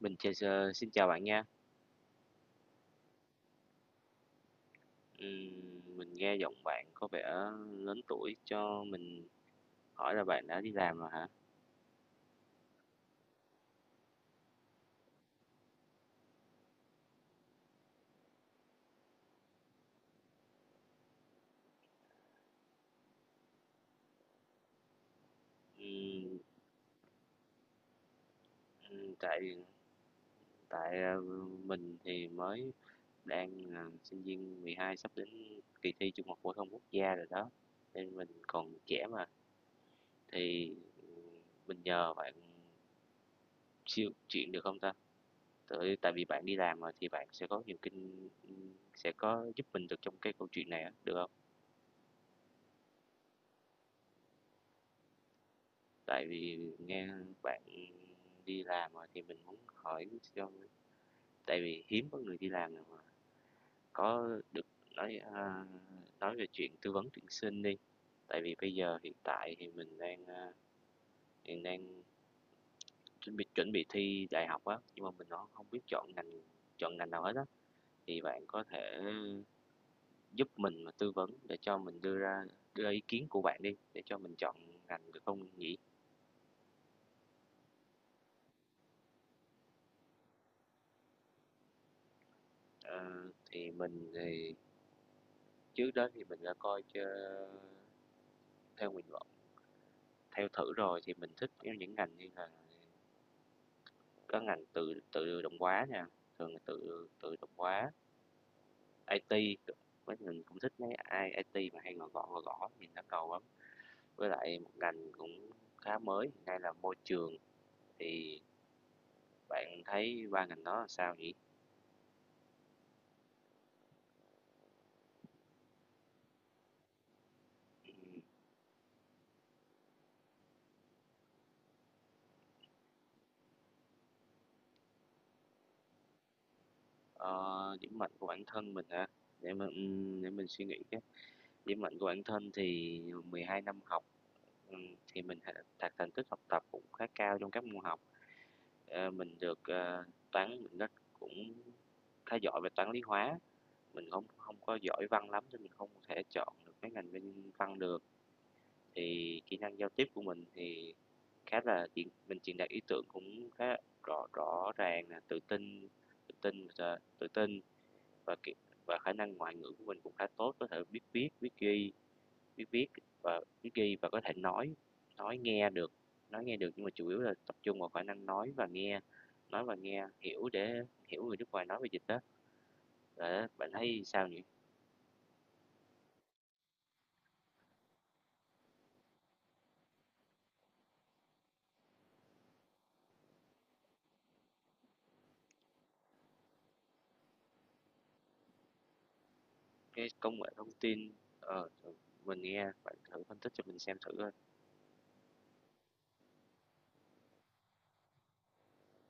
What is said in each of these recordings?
Mình chào xin chào bạn nha. Ừm, mình nghe giọng bạn có vẻ lớn tuổi, cho mình hỏi là bạn đã đi làm rồi hả? Ừm, tại tại, ờ, mình thì mới đang là sinh viên 12 sắp đến kỳ thi Trung học phổ thông quốc gia rồi đó, nên mình còn trẻ mà, thì, ừm, mình nhờ bạn siêu chuyện được không ta? Tại tại vì bạn đi làm mà thì bạn sẽ có nhiều kinh sẽ có giúp mình được trong cái câu chuyện này á, được không? Tại vì nghe bạn đi làm rồi thì mình muốn hỏi cho tại vì hiếm có người đi làm nào mà có được nói à, nói về chuyện tư vấn tuyển sinh đi. Tại vì bây giờ hiện tại thì mình hiện đang chuẩn bị thi đại học á, nhưng mà mình nó không biết chọn ngành nào hết á. Thì bạn có thể giúp mình mà tư vấn để cho mình đưa ra ý kiến của bạn đi để cho mình chọn ngành được không nhỉ? Ờ, thì mình thì trước đó thì mình đã coi chơ theo nguyện vọng theo thử rồi thì mình thích theo những ngành như là có ngành tự tự động hóa nha, thường là tự tự động hóa, IT, với mình cũng thích mấy ai IT mà hay gõ gõ nhìn nó cầu lắm. Với lại một ngành cũng khá mới hiện nay là môi trường thì bạn thấy ba ngành đó là sao nhỉ? Ờ, điểm mạnh của bản thân mình hả? Để mình, để mình suy nghĩ cái. Điểm mạnh của bản thân thì 12 năm học thì mình th đạt thành tích học tập cũng khá cao trong các môn học, ờ, mình được, ờ, toán mình rất cũng khá giỏi về toán, lý, hóa, mình không không có giỏi văn lắm nên mình không thể chọn được cái ngành bên văn được. Thì kỹ năng giao tiếp của mình thì khá là chuyện mình truyền đạt ý tưởng cũng khá rõ rõ ràng nè, tự tin và, kỹ và khả năng ngoại ngữ của mình cũng khá tốt, có thể biết viết, biết viết biết ghi và có thể nói nghe được nói nghe được nhưng mà chủ yếu là tập trung vào khả năng nói và nghe hiểu để hiểu người nước ngoài nói về dịch đó để bạn thấy sao nhỉ? Cái công nghệ thông tin, ờ, mình nghe bạn thử phân tích cho mình xem thử coi.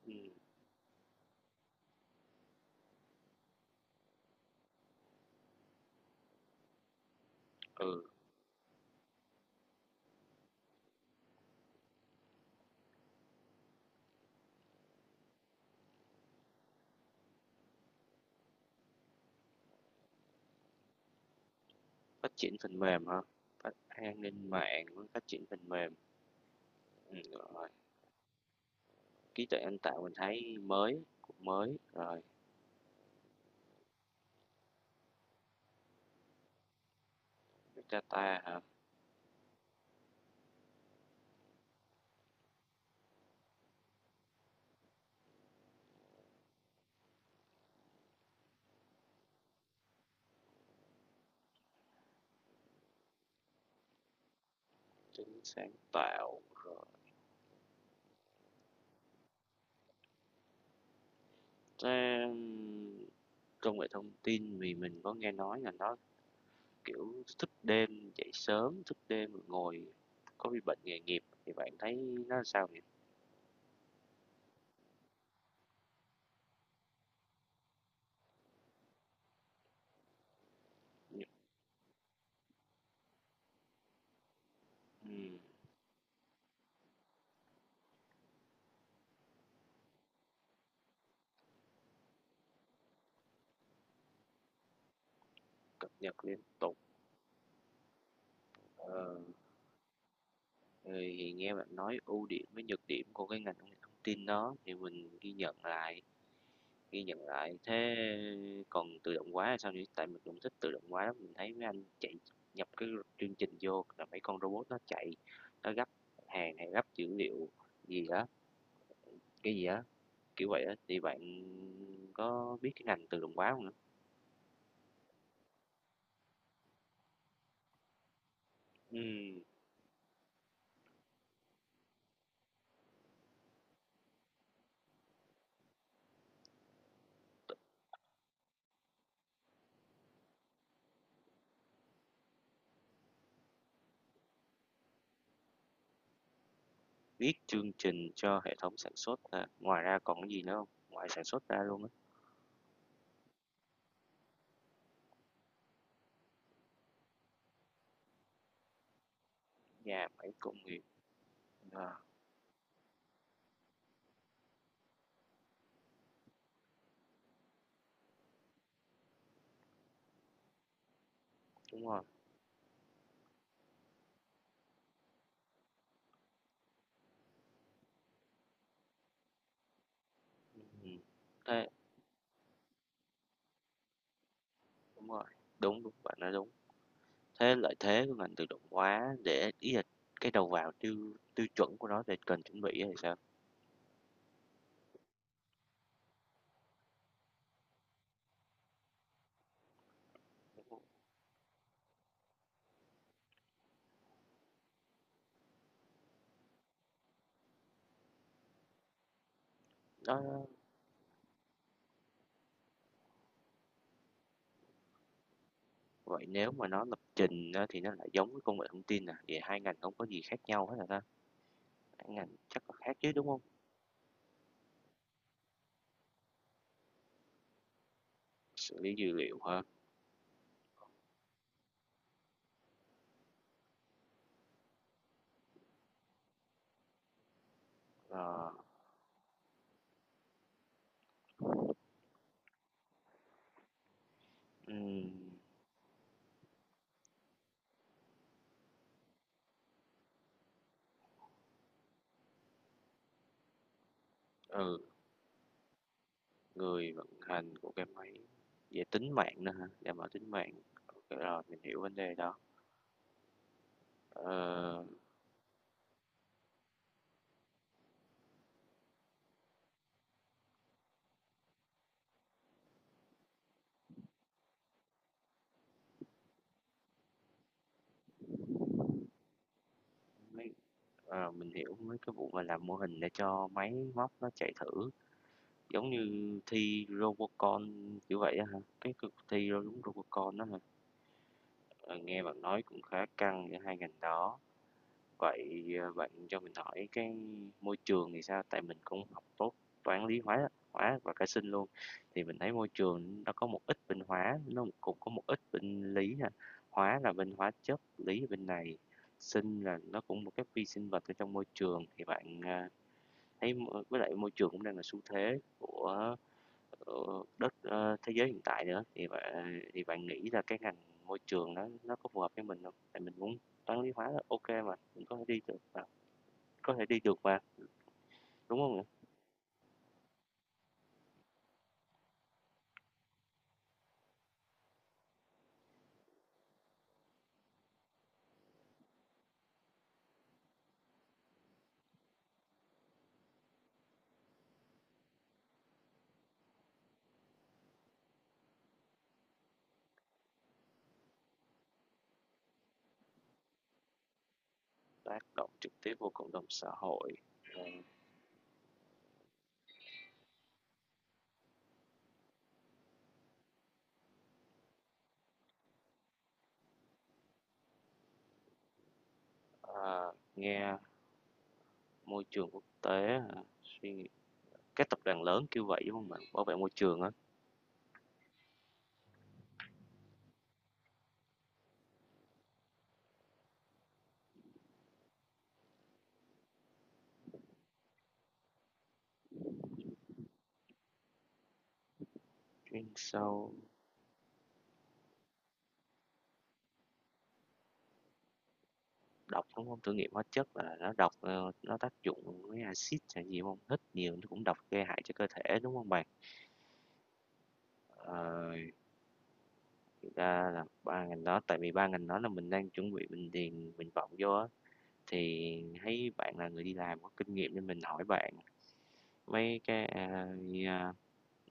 ừ, ừ Phát triển phần mềm hả? An ninh mạng với phát triển phần mềm. ừ, Rồi, trí tuệ nhân tạo mình thấy mới rồi. Data hả? Tính sáng tạo rồi. Thế, công nghệ thông tin vì mình có nghe nói là nó, kiểu, thức đêm, dậy sớm, thức đêm rồi ngồi có bị bệnh nghề nghiệp thì bạn thấy nó sao nhỉ? Nhật, ừm, cập nhật liên tục, ờ, thì nghe bạn nói ưu điểm với nhược điểm của cái ngành công nghệ thông tin đó thì mình ghi nhận lại, ghi nhận lại. Thế còn tự động hóa là sao nhỉ? Tại mình cũng thích tự động hóa lắm, mình thấy mấy anh chạy nhập cái chương trình vô là mấy con robot nó chạy, nó gấp hàng hay gấp dữ liệu gì đó, cái gì đó. Kiểu vậy á, thì bạn có biết cái ngành tự động hóa không nữa? Ừm, viết chương trình cho hệ thống sản xuất à? Ngoài ra còn cái gì nữa không? Ngoài sản xuất ra luôn á, nhà máy công nghiệp, ờ, đúng rồi, ừm, thế đúng rồi, đúng, đúng, bạn nói đúng. Thế lợi thế của ngành tự động hóa để ý là cái đầu vào tiêu tiêu chuẩn của nó để cần chuẩn bị á sao? Nó vậy nếu mà nó lập trình á thì nó lại giống với công nghệ thông tin à? Vậy hai ngành không có gì khác nhau hết rồi ta? Hai ngành chắc là khác chứ, đúng không? Xử lý dữ liệu ha. Ờ, ừm, ừ, người vận hành của cái máy về tính mạng nữa hả? Đảm bảo tính mạng, ok, rồi mình hiểu vấn đề đó. Ờ, mấy mình hiểu mấy cái vụ mà làm mô hình để cho máy móc nó chạy thử, giống như thi Robocon kiểu vậy á hả? Cái cuộc thi đúng Robocon đó hả? Ờ, nghe bạn nói cũng khá căng giữa hai ngành đó. Bạn cho mình hỏi cái môi trường thì sao? Tại mình cũng học tốt toán, lý, hóa hóa và cả sinh luôn, thì mình thấy môi trường nó có một ít bên hóa, nó cũng có một ít bên lý nè. Hóa là bên hóa chất, lý là bên này, sinh là nó cũng một cái vi sinh vật ở trong môi trường, thấy m với lại môi trường cũng đang là xu thế của thế giới hiện tại nữa, thì bạn nghĩ là cái ngành môi trường nó có phù hợp với mình không? Tại mình muốn toán, lý, hóa là ô mà, mình có thể đi được mà, đúng không nè? Tác động trực tiếp vào cộng đồng xã hội, rồi, ờ, nghe môi trường quốc tế à, suy nghĩ các tập đoàn lớn kêu vậy, đúng không bạn? Bảo vệ môi trường á, chuyên sâu độc, đúng không? Thử nghiệm hóa chất là nó độc, nó tác dụng với axit hay gì không? Hít nhiều nó cũng độc gây hại cho cơ thể, đúng không bạn? Ờ, thực ra là 3 ngành đó tại vì 3 ngành đó là mình đang chuẩn bị mình điền nguyện vọng vô á, thì thấy bạn là người đi làm có kinh nghiệm nên mình hỏi bạn mấy cái, a,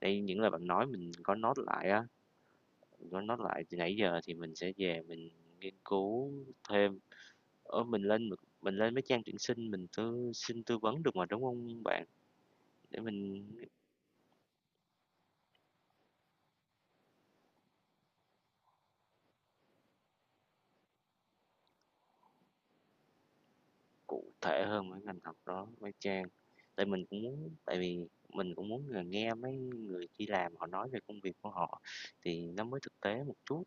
đây, những lời bạn nói mình có note lại á, mình có note lại từ nãy giờ thì mình sẽ về mình nghiên cứu thêm. Ở mình lên Mình lên mấy trang tuyển sinh mình tư vấn được mà, đúng không bạn? Để mình cụ thể hơn với ngành học đó với Trang. Tại mình cũng muốn tại vì mình cũng muốn là nghe mấy người đi làm họ nói về công việc của họ thì nó mới thực tế một chút.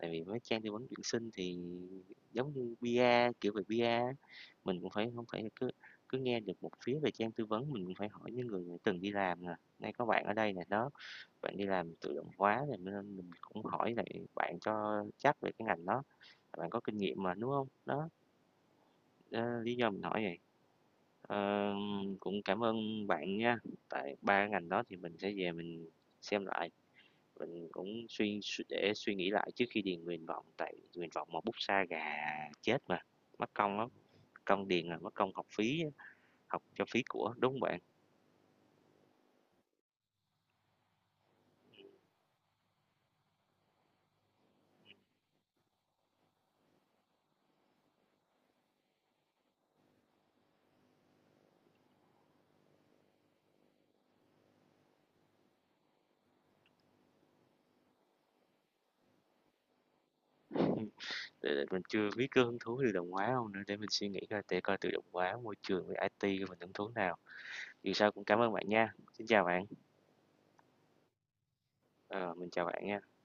Tại vì với Trang tư vấn tuyển sinh thì giống như PR, kiểu về PR, á, mình cũng phải không phải cứ cứ nghe được một phía về Trang tư vấn mình cũng phải hỏi những người đã từng đi làm nè. Nay có bạn ở đây nè đó, bạn đi làm tự động hóa rồi nên mình cũng hỏi lại bạn cho chắc về cái ngành đó, bạn có kinh nghiệm mà đúng không? Đó, ờ, lý do mình hỏi vậy. Ờ, cũng cảm ơn bạn nha. Tại 3 ngành đó thì mình sẽ về mình xem lại, mình cũng suy suy để suy nghĩ lại trước khi điền nguyện vọng tại nguyện vọng mà bút sa gà chết mà, mất công lắm, công điền là mất công học phí, á, học cho phí của, đúng không bạn? Để mình chưa biết cái hứng thú tự động hóa không nữa để mình suy nghĩ coi để coi tự động hóa môi trường với IT của mình hứng thú nào. Dù sao cũng cảm ơn bạn nha. Xin chào bạn. Ờ, mình chào bạn nha.